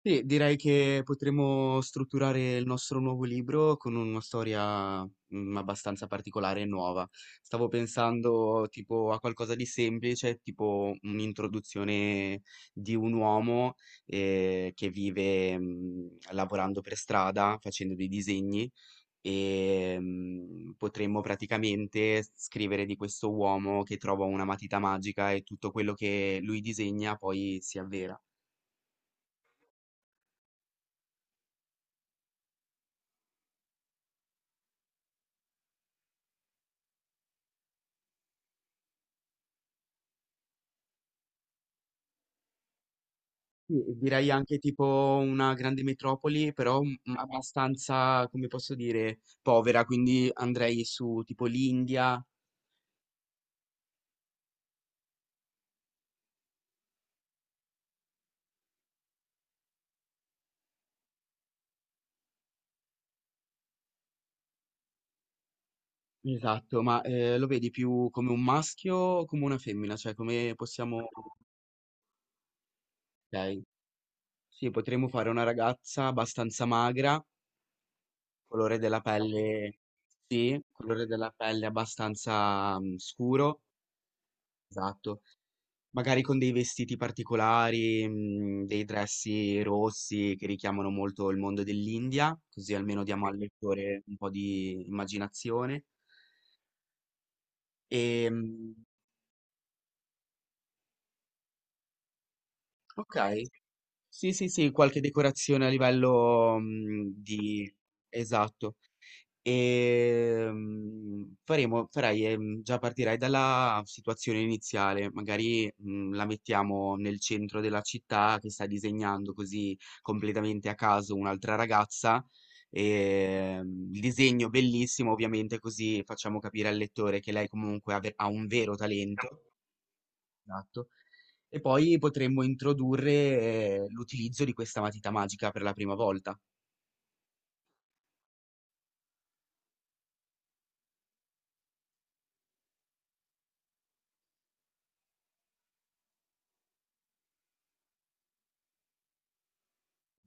Sì, direi che potremmo strutturare il nostro nuovo libro con una storia, abbastanza particolare e nuova. Stavo pensando tipo a qualcosa di semplice, tipo un'introduzione di un uomo che vive lavorando per strada, facendo dei disegni e potremmo praticamente scrivere di questo uomo che trova una matita magica e tutto quello che lui disegna poi si avvera. Sì, direi anche tipo una grande metropoli, però abbastanza, come posso dire, povera, quindi andrei su tipo l'India. Esatto, ma lo vedi più come un maschio o come una femmina? Cioè come possiamo... Ok, sì, potremmo fare una ragazza abbastanza magra, colore della pelle, sì, colore della pelle abbastanza scuro, esatto. Magari con dei vestiti particolari, dei dressi rossi che richiamano molto il mondo dell'India, così almeno diamo al lettore un po' di immaginazione. Ehm, okay. Sì, sì, sì, qualche decorazione a livello, di esatto. Faremo, farai, già partirai dalla situazione iniziale, magari la mettiamo nel centro della città che sta disegnando così completamente a caso un'altra ragazza. Il disegno bellissimo, ovviamente, così facciamo capire al lettore che lei comunque ha un vero talento. Esatto. E poi potremmo introdurre l'utilizzo di questa matita magica per la prima volta.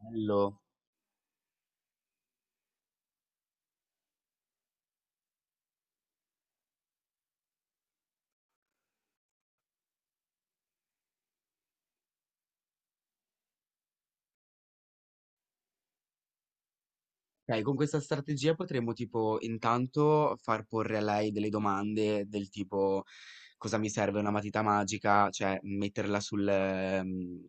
Bello. Ok, con questa strategia potremmo tipo intanto far porre a lei delle domande del tipo cosa mi serve una matita magica, cioè metterla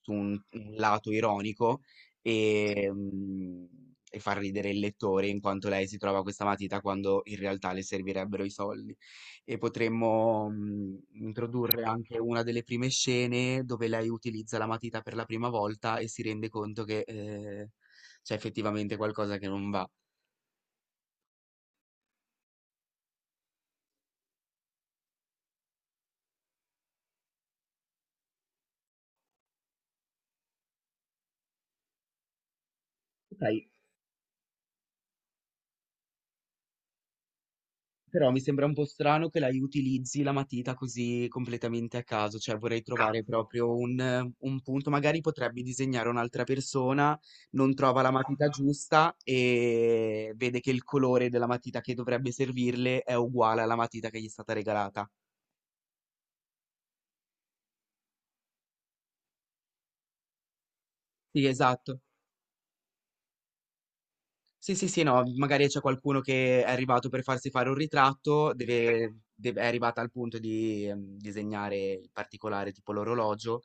su un lato ironico e, e far ridere il lettore in quanto lei si trova questa matita quando in realtà le servirebbero i soldi. E potremmo introdurre anche una delle prime scene dove lei utilizza la matita per la prima volta e si rende conto che c'è effettivamente qualcosa che non va. Però mi sembra un po' strano che la utilizzi la matita così completamente a caso, cioè vorrei trovare proprio un punto, magari potrebbe disegnare un'altra persona, non trova la matita giusta e vede che il colore della matita che dovrebbe servirle è uguale alla matita che gli è stata regalata. Sì, esatto. Sì, sì, sì, no, magari c'è qualcuno che è arrivato per farsi fare un ritratto, è arrivata al punto di disegnare il particolare, tipo l'orologio,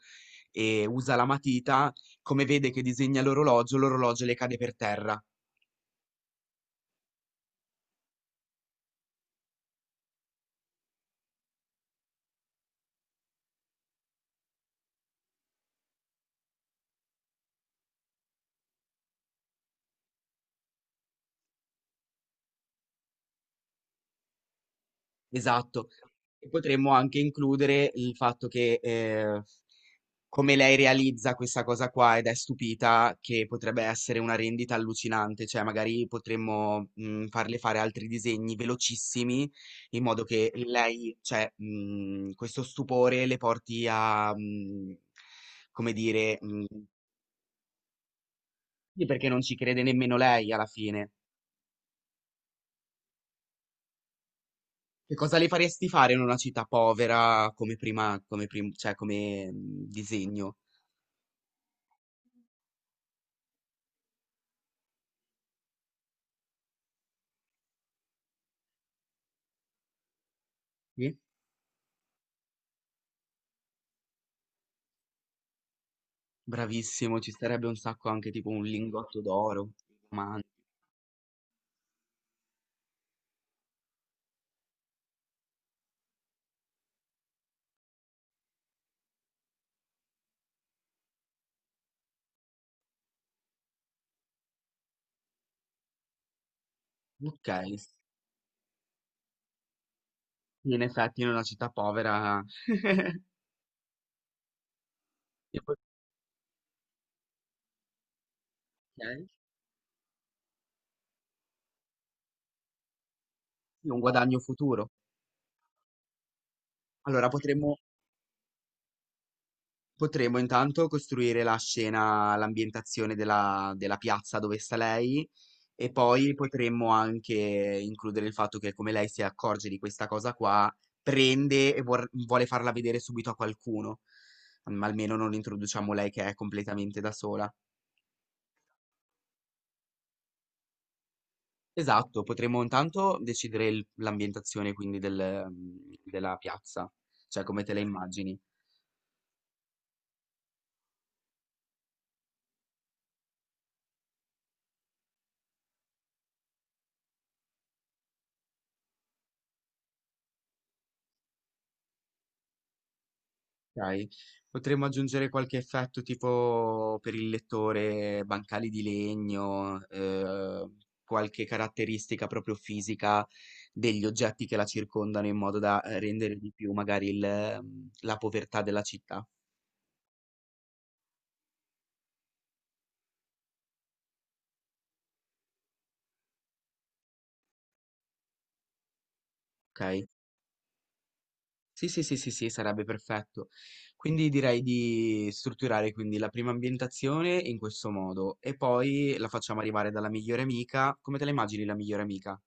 e usa la matita, come vede che disegna l'orologio, l'orologio le cade per terra. Esatto. E potremmo anche includere il fatto che come lei realizza questa cosa qua ed è stupita che potrebbe essere una rendita allucinante, cioè magari potremmo farle fare altri disegni velocissimi in modo che lei, cioè questo stupore le porti a, come dire, sì, perché non ci crede nemmeno lei alla fine. Che cosa le faresti fare in una città povera come prima, cioè come disegno? Sì? Bravissimo, ci starebbe un sacco anche tipo un lingotto d'oro. Diamante. Okay, sì in effetti in una città povera io pot- okay, sì, un guadagno futuro. Allora potremmo intanto costruire la scena, l'ambientazione della piazza dove sta lei e poi potremmo anche includere il fatto che come lei si accorge di questa cosa qua, prende e vor vuole farla vedere subito a qualcuno, ma almeno non introduciamo lei che è completamente da sola. Esatto, potremmo intanto decidere l'ambientazione quindi del, della piazza, cioè come te la immagini. Ok? Potremmo aggiungere qualche effetto tipo per il lettore, bancali di legno, qualche caratteristica proprio fisica degli oggetti che la circondano in modo da rendere di più magari il, la povertà della città. Ok? Sì, sì, sì, sì, sì, sarebbe perfetto. Quindi direi di strutturare quindi la prima ambientazione in questo modo e poi la facciamo arrivare dalla migliore amica. Come te la immagini la migliore amica?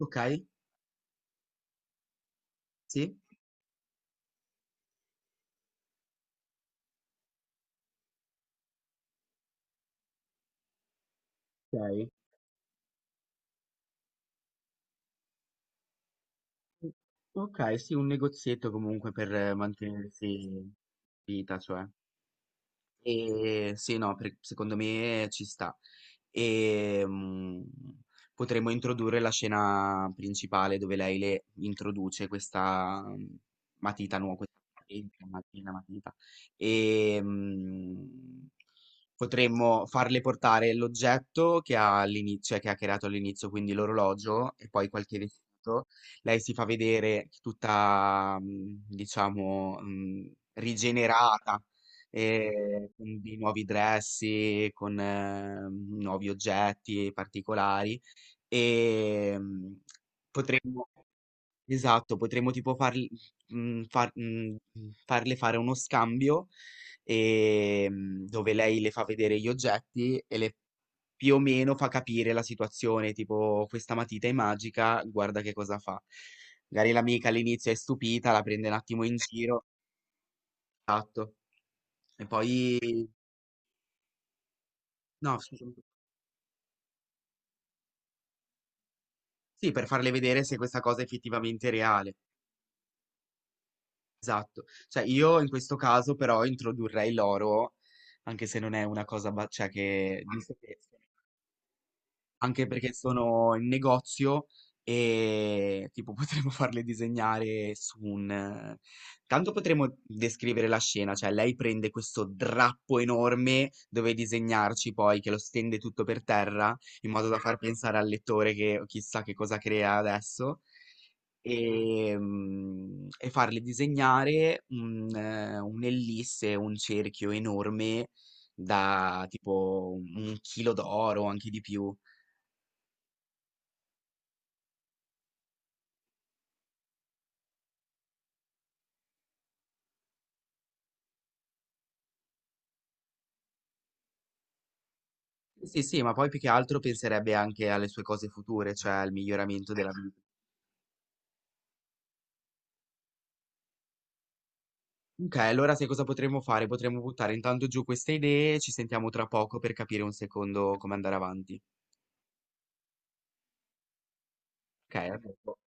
Ok? Sì? Ok. Ok, sì, un negozietto comunque per mantenersi in vita, cioè. E sì, no, per- secondo me ci sta. E potremmo introdurre la scena principale dove lei le introduce questa matita nuova, questa patente, matita. E potremmo farle portare l'oggetto che ha all'inizio, cioè che ha creato all'inizio, quindi l'orologio e poi qualche vestito. Lei si fa vedere tutta, diciamo, rigenerata e con di nuovi dressi, con nuovi oggetti particolari e potremmo, esatto, potremmo tipo farli, mm, far- mm, farle fare uno scambio e, dove lei le fa vedere gli oggetti e le più o meno fa capire la situazione, tipo questa matita è magica, guarda che cosa fa. Magari l'amica all'inizio è stupita, la prende un attimo in giro, esatto, e poi... No, scusa. Sì, per farle vedere se questa cosa è effettivamente reale. Esatto. Cioè, io in questo caso però introdurrei l'oro, anche se non è una cosa, cioè che... visto che- anche perché sono in negozio e tipo potremmo farle disegnare su un... tanto potremmo descrivere la scena, cioè lei prende questo drappo enorme dove disegnarci poi, che lo stende tutto per terra, in modo da far pensare al lettore che chissà che cosa crea adesso. E, e farle disegnare un'ellisse, un cerchio enorme da tipo un chilo d'oro, anche di più. Sì, sì, ma poi più che altro penserebbe anche alle sue cose future, cioè al miglioramento della vita. Ok, allora sai cosa potremmo fare? Potremmo buttare intanto giù queste idee, ci sentiamo tra poco per capire un secondo come andare avanti. Ok? A dopo.